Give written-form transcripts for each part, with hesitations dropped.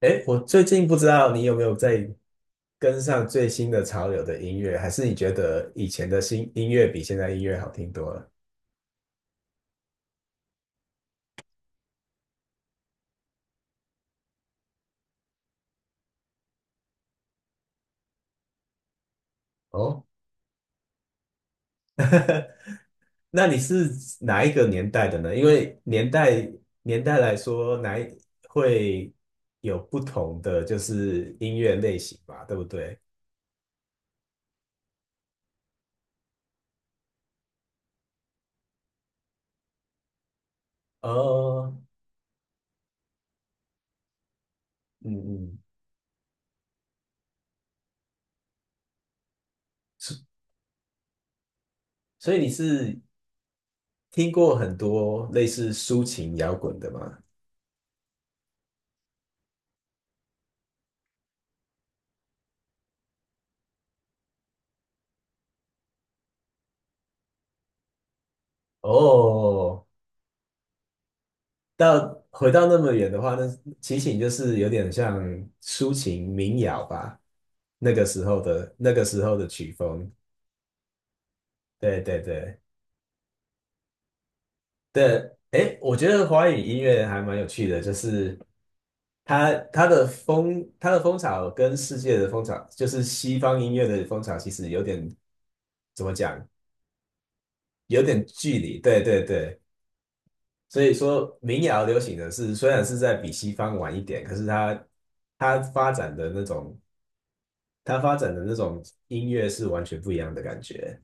哎，我最近不知道你有没有在跟上最新的潮流的音乐，还是你觉得以前的新音乐比现在音乐好听多了？哦，那你是哪一个年代的呢？因为年代来说，哪一会有不同的就是音乐类型吧，对不对？哦，嗯嗯，所所以你是听过很多类似抒情摇滚的吗？哦。到回到那么远的话，那齐秦就是有点像抒情民谣吧，那个时候的曲风。对对对对，诶，我觉得华语音乐还蛮有趣的，就是它它的风潮跟世界的风潮，就是西方音乐的风潮，其实有点怎么讲，有点距离。对对对，所以说民谣流行的是虽然是在比西方晚一点，可是它发展的那种。他发展的那种音乐是完全不一样的感觉。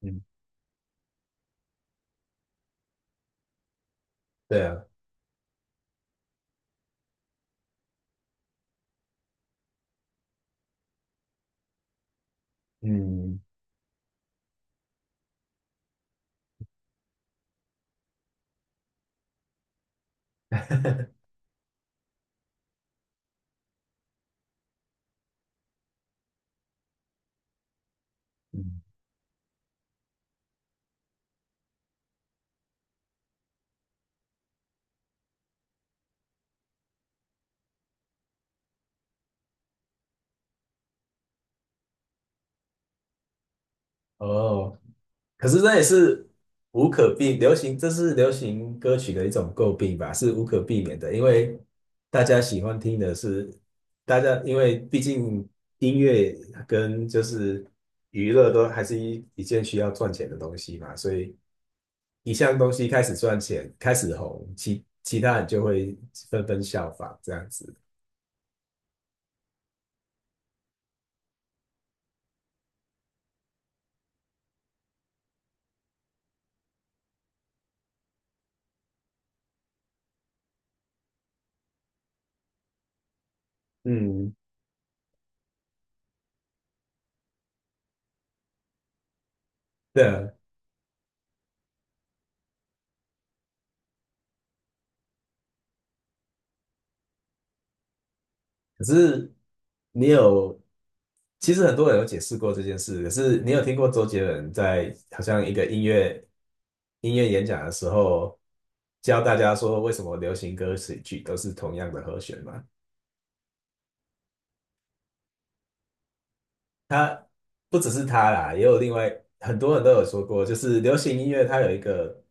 嗯，对啊，嗯 嗯，哦，可是这也是无可避，流行，这是流行歌曲的一种诟病吧，是无可避免的，因为大家喜欢听的是，大家因为毕竟音乐跟就是娱乐都还是一件需要赚钱的东西嘛，所以一项东西开始赚钱，开始红，其他人就会纷纷效仿这样子。嗯，对啊。可是你有，其实很多人有解释过这件事。可是你有听过周杰伦在好像一个音乐演讲的时候，教大家说为什么流行歌曲都是同样的和弦吗？他不只是他啦，也有另外很多人都有说过，就是流行音乐它有一个。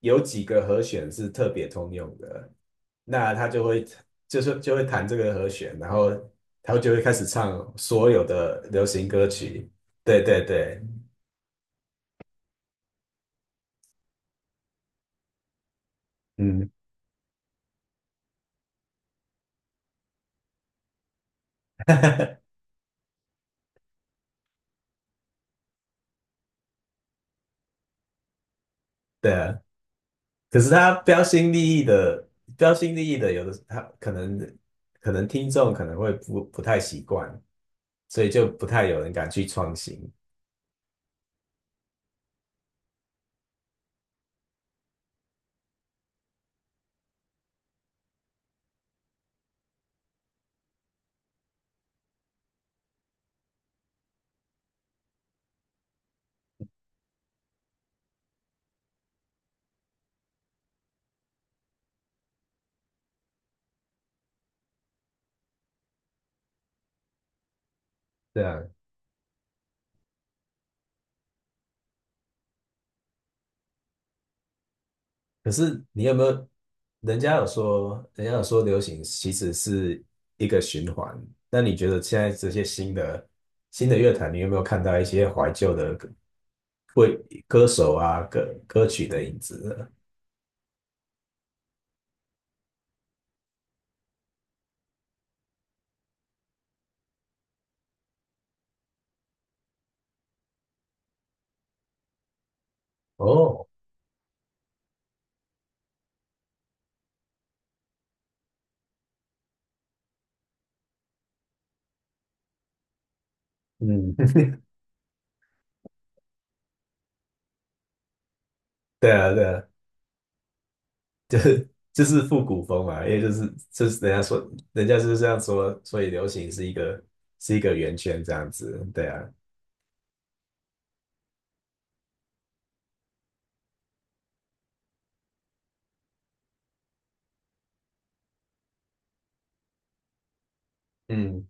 有几个和弦是特别通用的，那他就会就是就会弹这个和弦，然后他就会开始唱所有的流行歌曲。对对对，嗯，对啊。可是他标新立异的，标新立异的，有的他可能可能听众可能会不太习惯，所以就不太有人敢去创新。对啊。可是你有没有？人家有说，人家有说流行其实是一个循环。那你觉得现在这些新的乐坛，你有没有看到一些怀旧的歌为歌手啊歌曲的影子呢？哦，嗯，对啊，对啊，就是复古风嘛，因为就是人家说，人家就是这样说，所以流行是是一个圆圈这样子，对啊，嗯，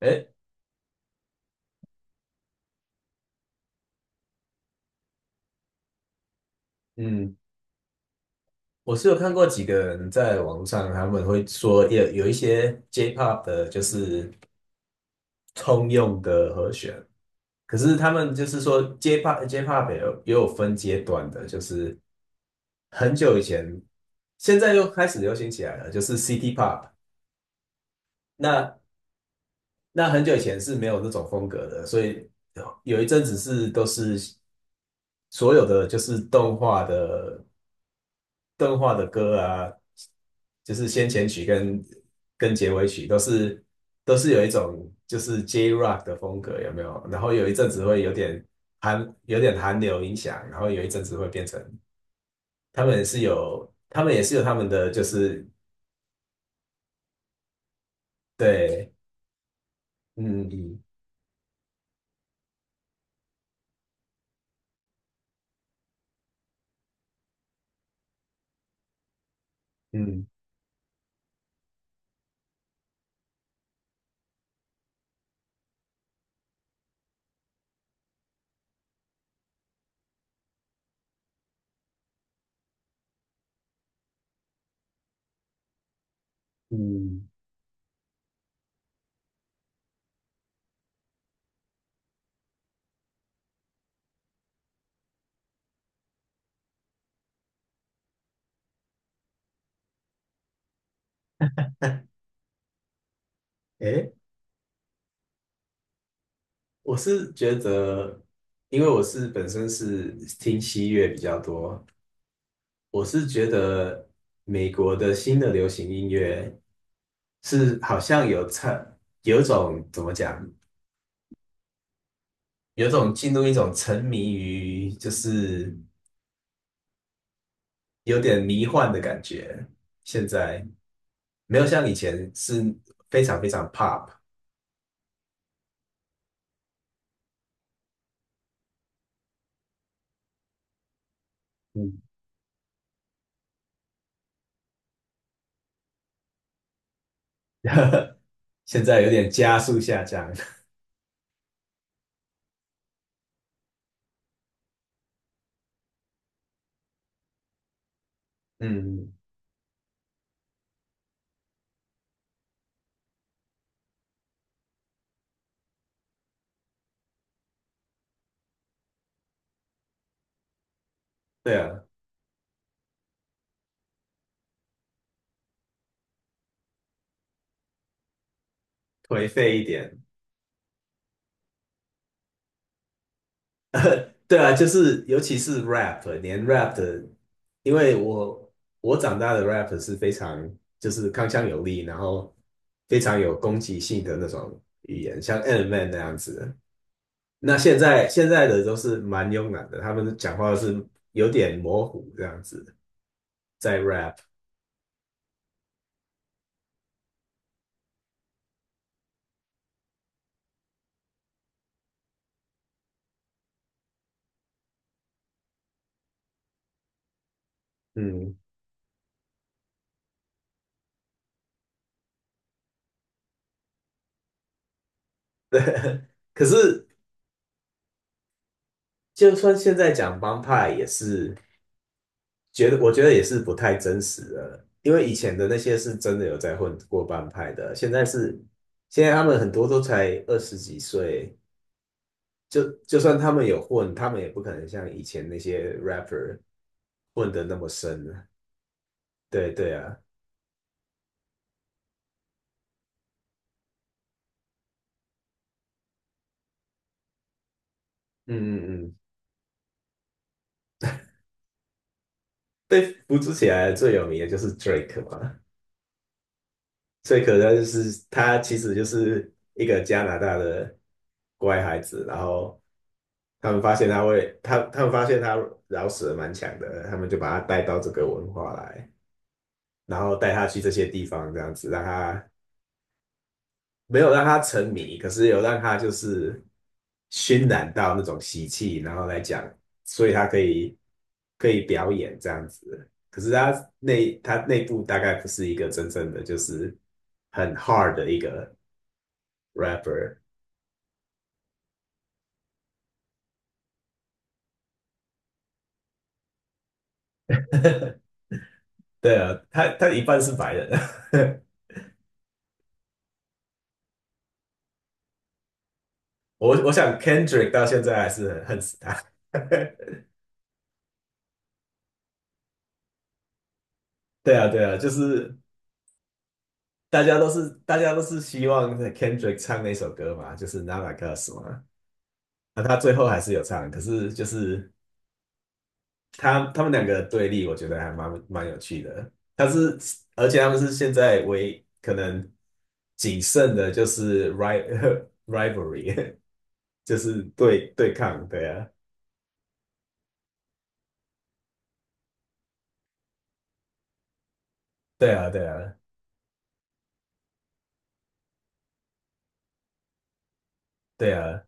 哎，嗯。我是有看过几个人在网上，他们会说有一些 J-pop 的，就是通用的和弦，可是他们就是说 J-pop 也也有分阶段的，就是很久以前，现在又开始流行起来了，就是 City Pop。那那很久以前是没有这种风格的，所以有一阵子是都是所有的就是动画的歌啊，就是先前曲跟结尾曲都是有一种就是 J Rock 的风格，有没有？然后有一阵子会有点有点韩流影响，然后有一阵子会变成他们也是有他们的就是对，嗯嗯嗯嗯，诶，我是觉得，因为我是本身是听西乐比较多，我是觉得美国的新的流行音乐是好像有沉，有种怎么讲，有种进入一种沉迷于，就是有点迷幻的感觉。现在没有像以前是非常非常 pop，嗯，现在有点加速下降。嗯，对啊，颓废一点。对啊，就是尤其是 rap，连 rap 的，因为我长大的 rap 是非常就是铿锵有力，然后非常有攻击性的那种语言，像 e m i n Man 那样子那现在的都是蛮慵懒的，他们讲话是有点模糊这样子，在 rap，嗯，对。可是就算现在讲帮派也是。我觉得也是不太真实的，因为以前的那些是真的有在混过帮派的，现在他们很多都才二十几岁，就算他们有混，他们也不可能像以前那些 rapper 混的那么深。对对啊，嗯嗯嗯，被扶植起来最有名的就是 Drake 嘛，最可能就是他其实就是一个加拿大的乖孩子，然后他们发现他饶舌蛮强的，他们就把他带到这个文化来，然后带他去这些地方，这样子让他没有让他沉迷，可是有让他就是熏染到那种习气，然后来讲，所以他可以表演这样子。可是他内部大概不是一个真正的就是很 hard 的一个 rapper。对啊，他他一半是白人，我我想 Kendrick 到现在还是很恨死他。对啊，对啊，就是大家都是希望 Kendrick 唱那首歌嘛，就是《Not Like Us》嘛。那他最后还是有唱，可是就是他们两个的对立，我觉得还蛮有趣的。他是而且他们是现在唯可能仅剩的就是 ri rivalry，就是对抗。对啊，对啊，对啊，对啊，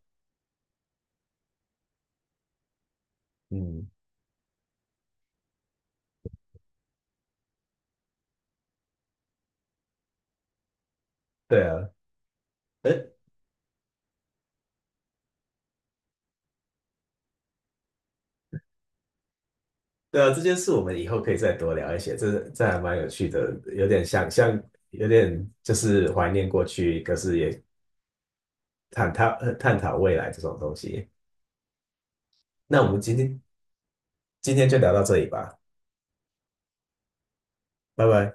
嗯。对啊，哎，对啊，这件事我们以后可以再多聊一些，这还蛮有趣的，有点像有点就是怀念过去，可是也探讨探讨未来这种东西。那我们今天就聊到这里吧，拜拜。